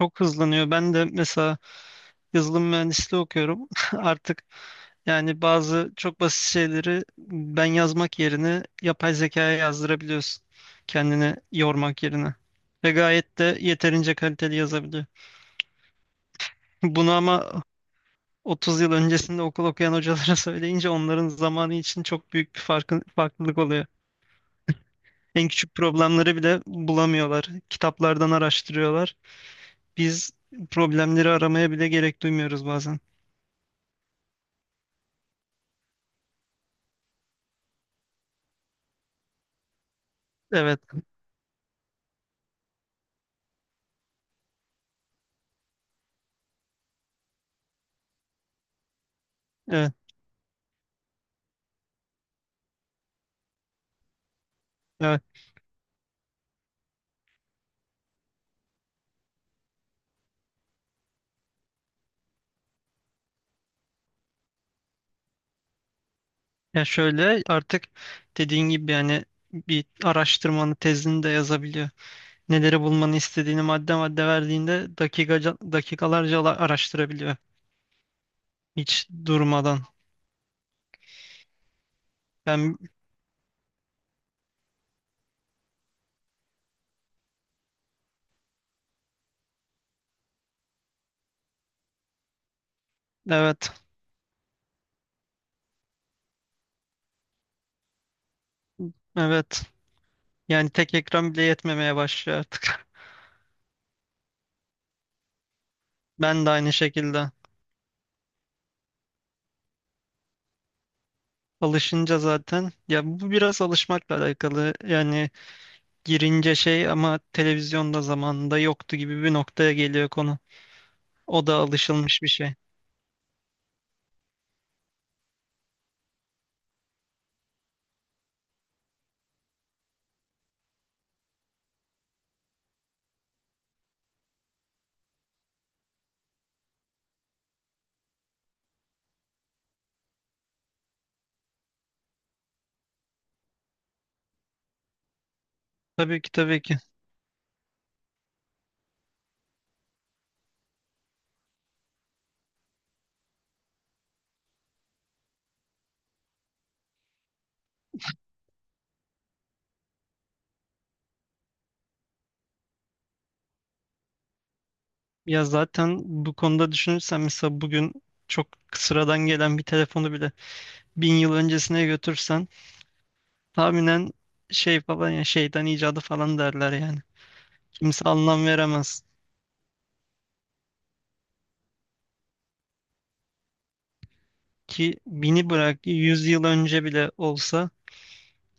Çok hızlanıyor. Ben de mesela yazılım mühendisliği okuyorum. Artık yani bazı çok basit şeyleri ben yazmak yerine yapay zekaya yazdırabiliyorsun. Kendini yormak yerine. Ve gayet de yeterince kaliteli yazabiliyor. Bunu ama 30 yıl öncesinde okul okuyan hocalara söyleyince onların zamanı için çok büyük bir farklılık oluyor. En küçük problemleri bile bulamıyorlar. Kitaplardan araştırıyorlar. Biz problemleri aramaya bile gerek duymuyoruz bazen. Evet. e, Evet. Ya şöyle artık dediğin gibi yani bir araştırmanı tezini de yazabiliyor. Neleri bulmanı istediğini madde madde verdiğinde dakikalarca araştırabiliyor. Hiç durmadan. Ben evet evet, yani tek ekran bile yetmemeye başlıyor artık. Ben de aynı şekilde. Alışınca zaten ya bu biraz alışmakla alakalı. Yani girince şey ama televizyonda zamanında yoktu gibi bir noktaya geliyor konu. O da alışılmış bir şey. Tabii ki tabii ki. Ya zaten bu konuda düşünürsen mesela bugün çok sıradan gelen bir telefonu bile 1000 yıl öncesine götürsen tahminen şey falan ya şeytan icadı falan derler yani. Kimse anlam veremez, ki 1000'i bırak 100 yıl önce bile olsa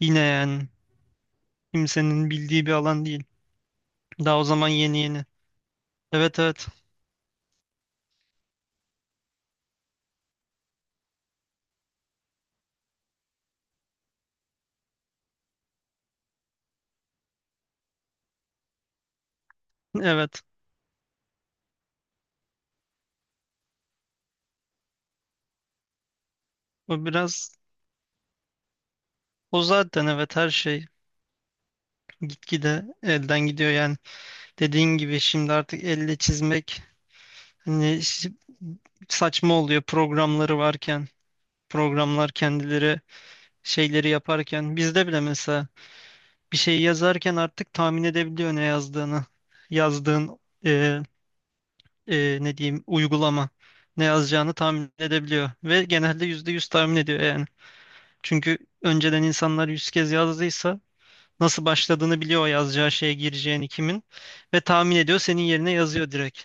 yine yani kimsenin bildiği bir alan değil. Daha o zaman yeni yeni. Evet evet evet, o biraz o zaten evet, her şey gitgide elden gidiyor yani. Dediğin gibi şimdi artık elle çizmek, hani, saçma oluyor programları varken. Programlar kendileri şeyleri yaparken. Bizde bile mesela bir şey yazarken artık tahmin edebiliyor ne yazdığını. Yazdığın e, ne diyeyim uygulama ne yazacağını tahmin edebiliyor. Ve genelde %100 tahmin ediyor yani. Çünkü önceden insanlar 100 kez yazdıysa nasıl başladığını biliyor o yazacağı şeye gireceğini kimin. Ve tahmin ediyor, senin yerine yazıyor direkt.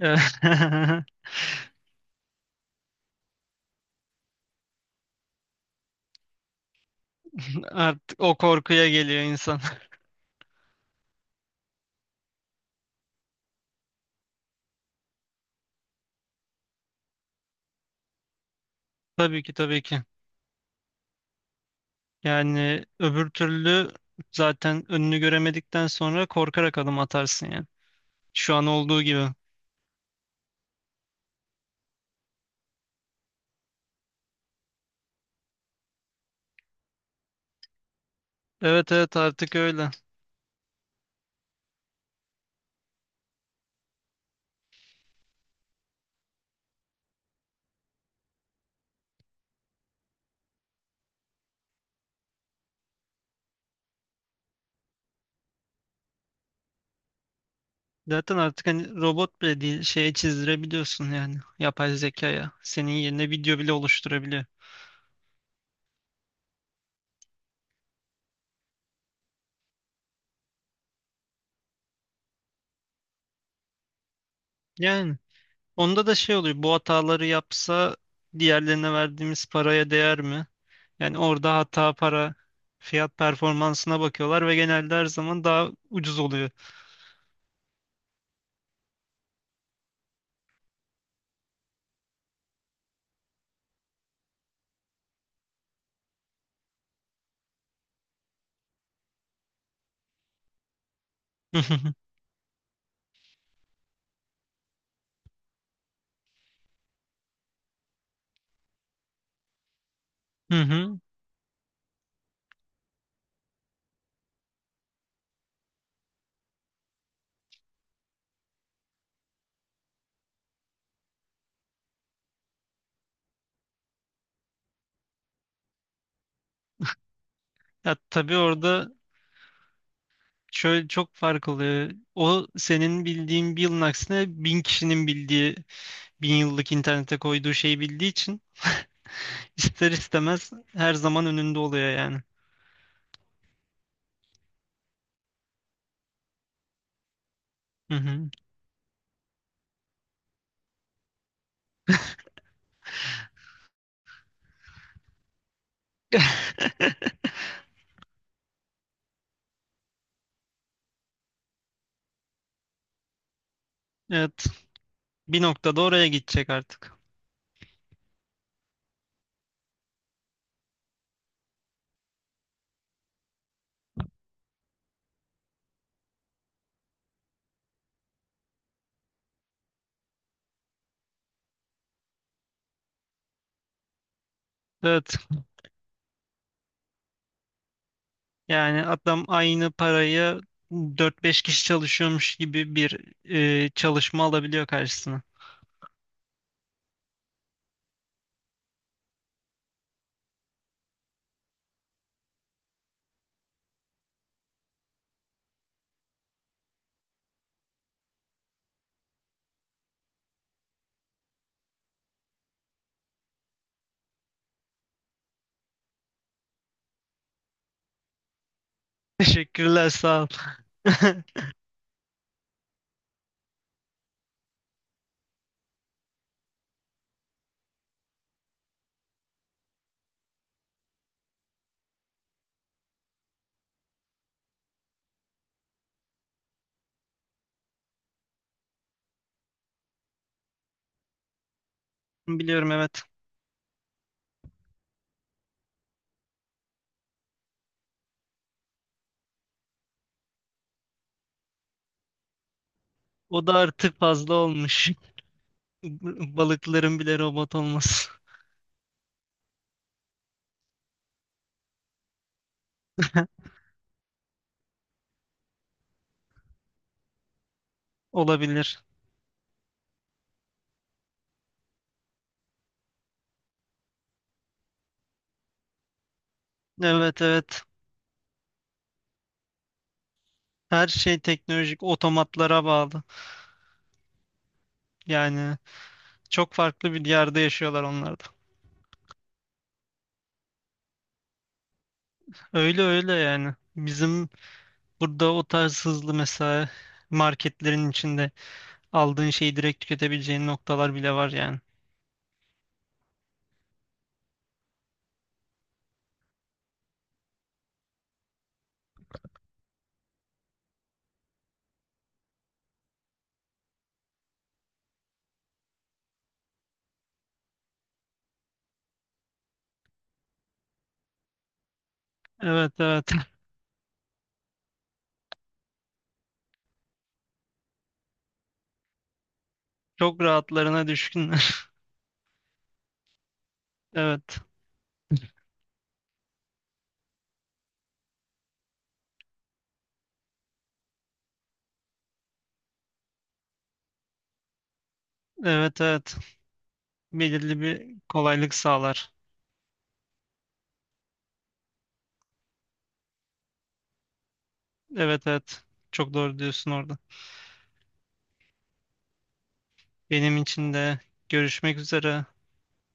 Artık o korkuya geliyor. Tabii ki tabii ki. Yani öbür türlü zaten önünü göremedikten sonra korkarak adım atarsın yani. Şu an olduğu gibi. Evet evet, artık öyle. Zaten artık hani robot bile değil, şeye çizdirebiliyorsun yani, yapay zekaya. Senin yerine video bile oluşturabiliyor. Yani onda da şey oluyor, bu hataları yapsa diğerlerine verdiğimiz paraya değer mi? Yani orada para fiyat performansına bakıyorlar ve genelde her zaman daha ucuz oluyor. Hı hı. Ya tabii orada şöyle çok fark oluyor. O senin bildiğin bir yılın aksine 1000 kişinin bildiği, 1000 yıllık internete koyduğu şeyi bildiği için ister istemez her zaman önünde oluyor yani. Hı hı. Evet. Bir noktada oraya gidecek artık. Evet. Yani adam aynı parayı 4 5 kişi çalışıyormuş gibi bir çalışma alabiliyor karşısına. Teşekkürler, sağ ol. Biliyorum, evet. O da artık fazla olmuş. Balıkların bile robot olması. Olabilir. Evet evet. Her şey teknolojik otomatlara bağlı. Yani çok farklı bir yerde yaşıyorlar onlar da. Öyle öyle yani. Bizim burada o tarz hızlı mesela marketlerin içinde aldığın şeyi direkt tüketebileceğin noktalar bile var yani. Evet evet. Çok rahatlarına düşkünler. Evet. Evet evet. Belirli bir kolaylık sağlar. Evet evet. Çok doğru diyorsun orada. Benim için de görüşmek üzere.